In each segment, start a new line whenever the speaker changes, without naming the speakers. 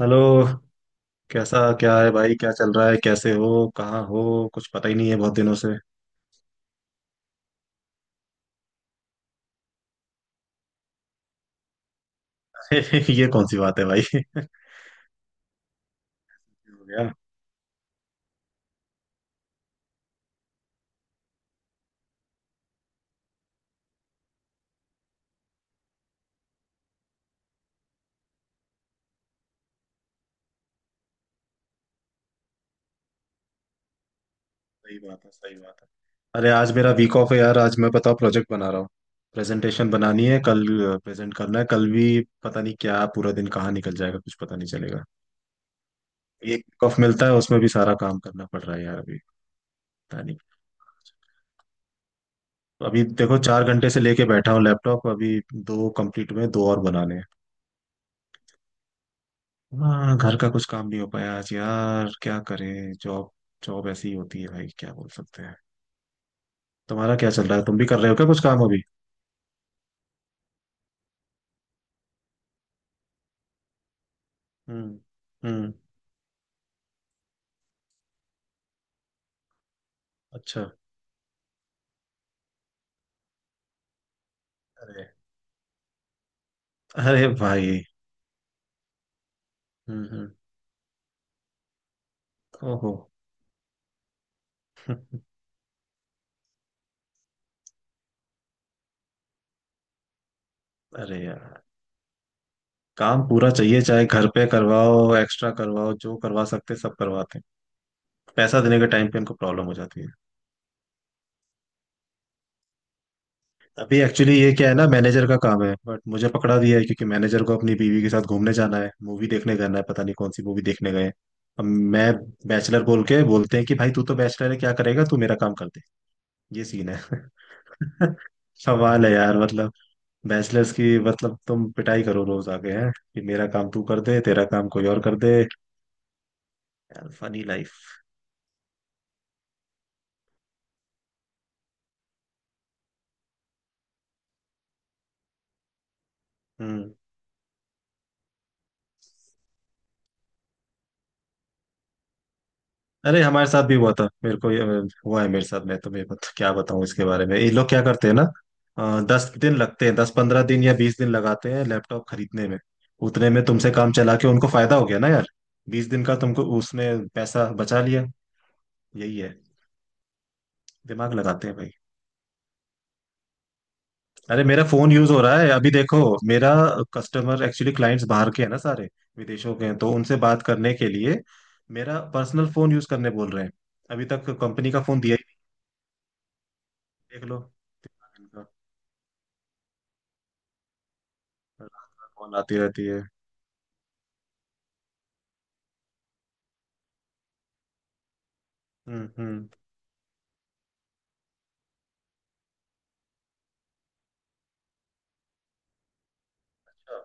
Hello. कैसा क्या है भाई, क्या चल रहा है, कैसे हो? कहाँ हो? कुछ पता ही नहीं है बहुत दिनों से। ये कौन सी बात है भाई? हो गया। सही बात है, सही बात है। अरे आज मेरा वीक ऑफ है यार, आज मैं बताओ प्रोजेक्ट बना रहा हूँ। प्रेजेंटेशन बनानी है कल। प्रेजेंट करना है कल भी। पता नहीं क्या, पूरा दिन कहाँ निकल जाएगा, कुछ पता नहीं चलेगा। एक वीक ऑफ मिलता है, उसमें भी सारा काम करना पड़ रहा है यार अभी। पता नहीं। तो अभी देखो 4 घंटे से लेके बैठा हूँ लैपटॉप, अभी दो कंप्लीट हुए, दो और बनाने हैं। हाँ, घर का कुछ काम नहीं हो पाया आज यार, क्या करें, जॉब। जॉब ऐसी ही होती है भाई, क्या बोल सकते हैं। तुम्हारा क्या चल रहा है, तुम भी कर रहे हो क्या कुछ काम अभी? हम्म। हम्म। अच्छा। अरे। अरे भाई। हम्म। ओहो। अरे यार। काम पूरा चाहिए, चाहे घर पे करवाओ, एक्स्ट्रा करवाओ, जो करवा सकते सब करवाते हैं। पैसा देने के टाइम पे इनको प्रॉब्लम हो जाती है। अभी एक्चुअली ये क्या है ना, मैनेजर का काम है बट मुझे पकड़ा दिया है, क्योंकि मैनेजर को अपनी बीवी के साथ घूमने जाना है, मूवी देखने जाना है, पता नहीं कौन सी मूवी देखने गए हैं। अब मैं बैचलर बोल के बोलते हैं कि भाई तू तो बैचलर है, क्या करेगा तू, मेरा काम कर दे। ये सीन है। सवाल है यार, मतलब बैचलर्स की, मतलब तुम पिटाई करो रोज, आगे हैं कि मेरा काम तू कर दे, तेरा काम कोई और कर दे। यार फनी लाइफ। हम्म। अरे हमारे साथ भी हुआ था, मेरे को ये हुआ है मेरे साथ। मैं तुम्हें क्या बताऊं इसके बारे में, ये लोग क्या करते हैं ना। 10 दिन लगते हैं, 10-15 दिन या 20 दिन लगाते हैं लैपटॉप खरीदने में। उतने में तुमसे काम चला के उनको फायदा हो गया ना यार। 20 दिन का तुमको उसने पैसा बचा लिया। यही है। दिमाग लगाते हैं भाई। अरे मेरा फोन यूज हो रहा है अभी, देखो मेरा कस्टमर एक्चुअली क्लाइंट्स बाहर के हैं ना सारे, विदेशों के हैं, तो उनसे बात करने के लिए मेरा पर्सनल फोन यूज करने बोल रहे हैं। अभी तक कंपनी का फोन दिया ही नहीं, देख लो। कौन आती रहती है। हम्म। अच्छा।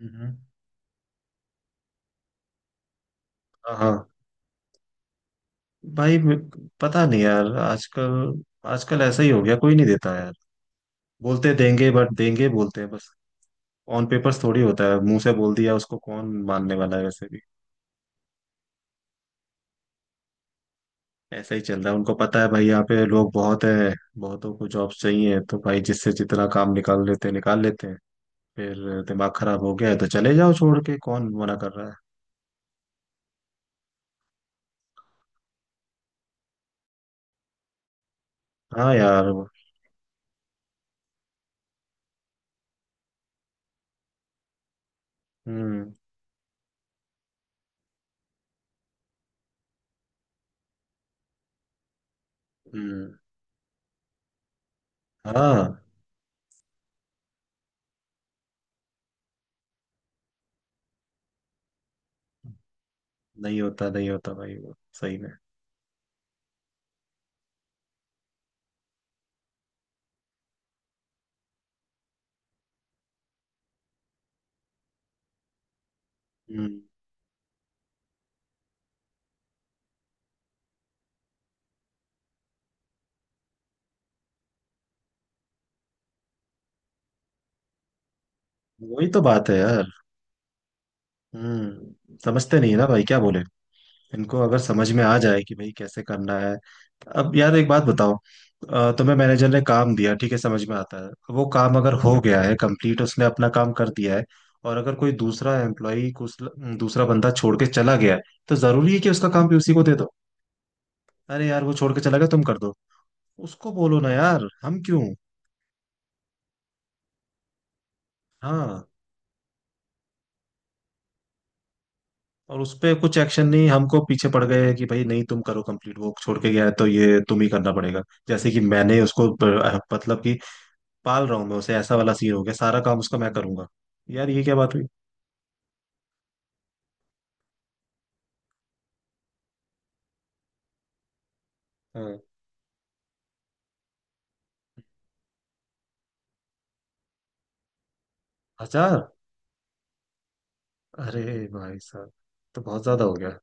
हम्म, हाँ हाँ। भाई मे- पता नहीं यार, आजकल आजकल ऐसा ही हो गया, कोई नहीं देता यार। बोलते देंगे बट देंगे बोलते हैं बस। ऑन पेपर्स थोड़ी होता है, मुंह से बोल दिया उसको कौन मानने वाला है वैसे भी। ऐसा ही चल रहा है, उनको पता है भाई, यहाँ पे लोग बहुत है। बहुतों को जॉब्स चाहिए, तो भाई जिससे जितना काम निकाल लेते हैं निकाल लेते हैं। फिर दिमाग खराब हो गया है तो चले जाओ छोड़ के, कौन मना कर रहा है। हाँ यार। हम्म हम्म। हाँ। नहीं होता, नहीं होता भाई, वो सही में। हम्म। वही तो बात है यार। हम्म। समझते नहीं है ना भाई, क्या बोले। इनको अगर समझ में आ जाए कि भाई कैसे करना है। अब यार एक बात बताओ। तुम्हें मैनेजर ने काम दिया, ठीक है समझ में आता है, वो काम अगर हो गया है कंप्लीट, उसने अपना काम कर दिया है। और अगर कोई दूसरा एम्प्लॉई, दूसरा बंदा छोड़ के चला गया है, तो जरूरी है कि उसका काम भी उसी को दे दो? अरे यार, वो छोड़ के चला गया तुम कर दो। उसको बोलो ना यार, हम क्यों। हाँ। और उस पे कुछ एक्शन नहीं, हमको पीछे पड़ गए कि भाई नहीं, तुम करो कंप्लीट, वो छोड़ के गया है तो ये तुम ही करना पड़ेगा। जैसे कि मैंने उसको मतलब कि पाल रहा हूँ मैं उसे, ऐसा वाला सीन हो गया, सारा काम उसका मैं करूंगा। यार ये क्या बात हुई। हाँ। 1000। अरे भाई साहब, तो बहुत ज्यादा हो गया।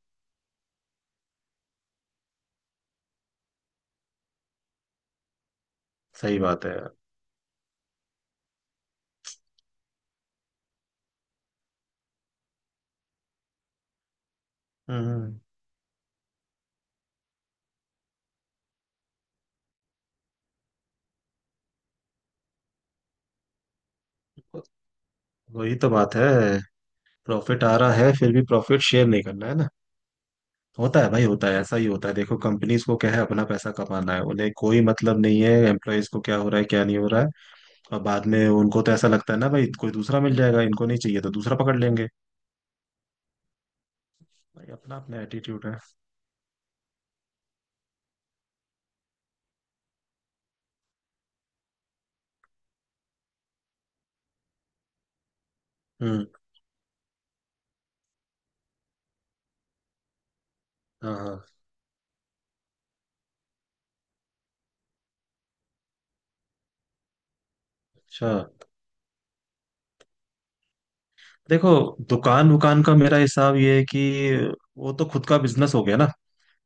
सही बात है यार। हम्म। वही तो बात है। प्रॉफिट आ रहा है फिर भी प्रॉफिट शेयर नहीं करना है ना। होता है भाई, होता है, ऐसा ही होता है। देखो कंपनीज को क्या है, अपना पैसा कमाना है, उन्हें कोई मतलब नहीं है एम्प्लॉयज को क्या हो रहा है क्या नहीं हो रहा है। अब बाद में उनको तो ऐसा लगता है ना भाई, कोई दूसरा मिल जाएगा, इनको नहीं चाहिए तो दूसरा पकड़ लेंगे। भाई अपना अपना एटीट्यूड है। हम्म। हाँ हाँ। अच्छा। देखो, दुकान वुकान का मेरा हिसाब ये है कि वो तो खुद का बिजनेस हो गया ना,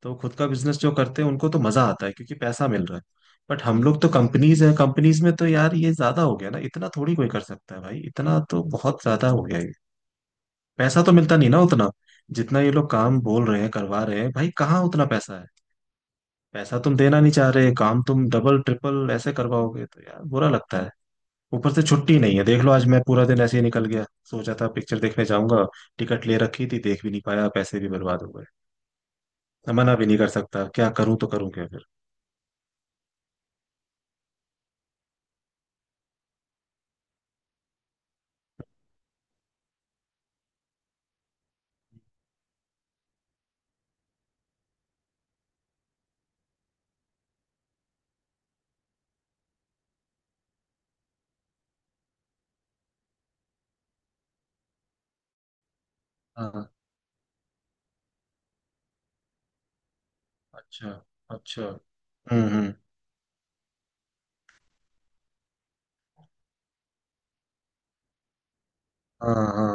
तो खुद का बिजनेस जो करते हैं उनको तो मजा आता है क्योंकि पैसा मिल रहा है। बट हम लोग तो कंपनीज हैं, कंपनीज में तो यार ये ज्यादा हो गया ना, इतना थोड़ी कोई कर सकता है भाई, इतना तो बहुत ज्यादा हो गया ये। पैसा तो मिलता नहीं ना उतना, जितना ये लोग काम बोल रहे हैं करवा रहे हैं, भाई कहाँ उतना पैसा है। पैसा तुम देना नहीं चाह रहे, काम तुम डबल ट्रिपल ऐसे करवाओगे तो यार बुरा लगता है। ऊपर से छुट्टी नहीं है, देख लो आज मैं पूरा दिन ऐसे ही निकल गया। सोचा था पिक्चर देखने जाऊंगा, टिकट ले रखी थी, देख भी नहीं पाया, पैसे भी बर्बाद हो गए। मैं मना भी नहीं कर सकता, क्या करूं, तो करूं क्या फिर। हाँ। अच्छा। अच्छा। हम्म। हाँ हाँ।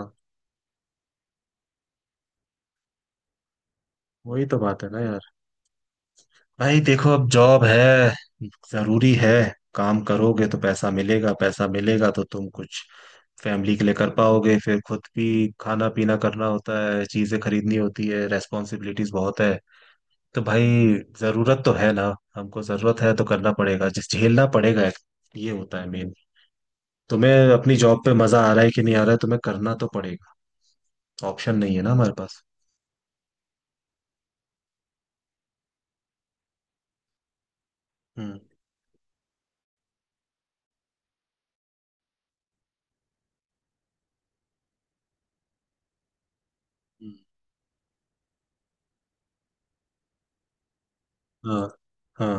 वही तो बात है ना यार। भाई देखो अब जॉब है, जरूरी है, काम करोगे तो पैसा मिलेगा, पैसा मिलेगा तो तुम कुछ फैमिली के लिए कर पाओगे, फिर खुद भी खाना पीना करना होता है, चीजें खरीदनी होती है, रेस्पॉन्सिबिलिटीज बहुत है। तो भाई जरूरत तो है ना, हमको जरूरत है तो करना पड़ेगा, जिस झेलना पड़ेगा। ये होता है मेन। तुम्हें अपनी जॉब पे मजा आ रहा है कि नहीं आ रहा है, तुम्हें करना तो पड़ेगा। ऑप्शन नहीं है ना हमारे पास। हम्म। हम्म, हाँ। हाँ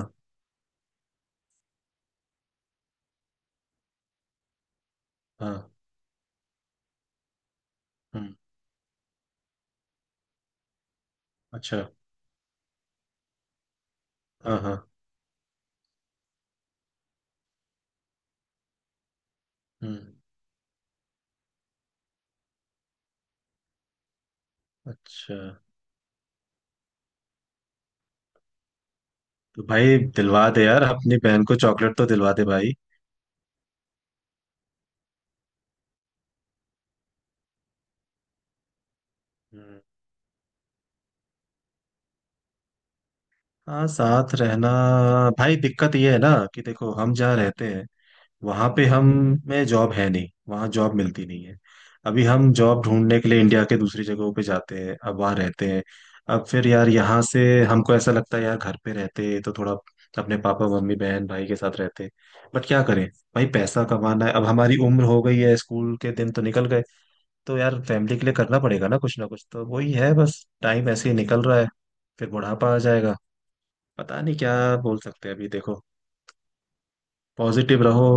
हाँ। हम्म। अच्छा। हाँ हाँ। हम्म। अच्छा। तो भाई दिलवा दे यार अपनी बहन को चॉकलेट, तो दिलवा दे भाई। हम्म। हाँ, साथ रहना। भाई दिक्कत ये है ना, कि देखो हम जहाँ रहते हैं वहां पे, हम में जॉब है नहीं, वहाँ जॉब मिलती नहीं है। अभी हम जॉब ढूंढने के लिए इंडिया के दूसरी जगहों पे जाते हैं, अब वहाँ रहते हैं। अब फिर यार यहाँ से हमको ऐसा लगता है यार, घर पे रहते तो थोड़ा अपने पापा मम्मी बहन भाई के साथ रहते। बट क्या करें, भाई पैसा कमाना है, अब हमारी उम्र हो गई है, स्कूल के दिन तो निकल गए। तो यार फैमिली के लिए करना पड़ेगा ना कुछ ना कुछ, तो वही है बस, टाइम ऐसे ही निकल रहा है। फिर बुढ़ापा आ जाएगा, पता नहीं क्या बोल सकते हैं अभी, देखो पॉजिटिव रहो।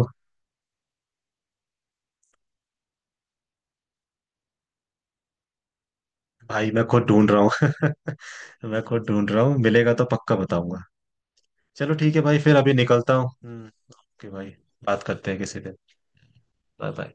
भाई मैं खुद ढूंढ रहा हूँ। मैं खुद ढूंढ रहा हूँ, मिलेगा तो पक्का बताऊंगा। चलो ठीक है भाई, फिर अभी निकलता हूँ। हम्म। ओके भाई। बात करते हैं किसी दिन। Bye bye.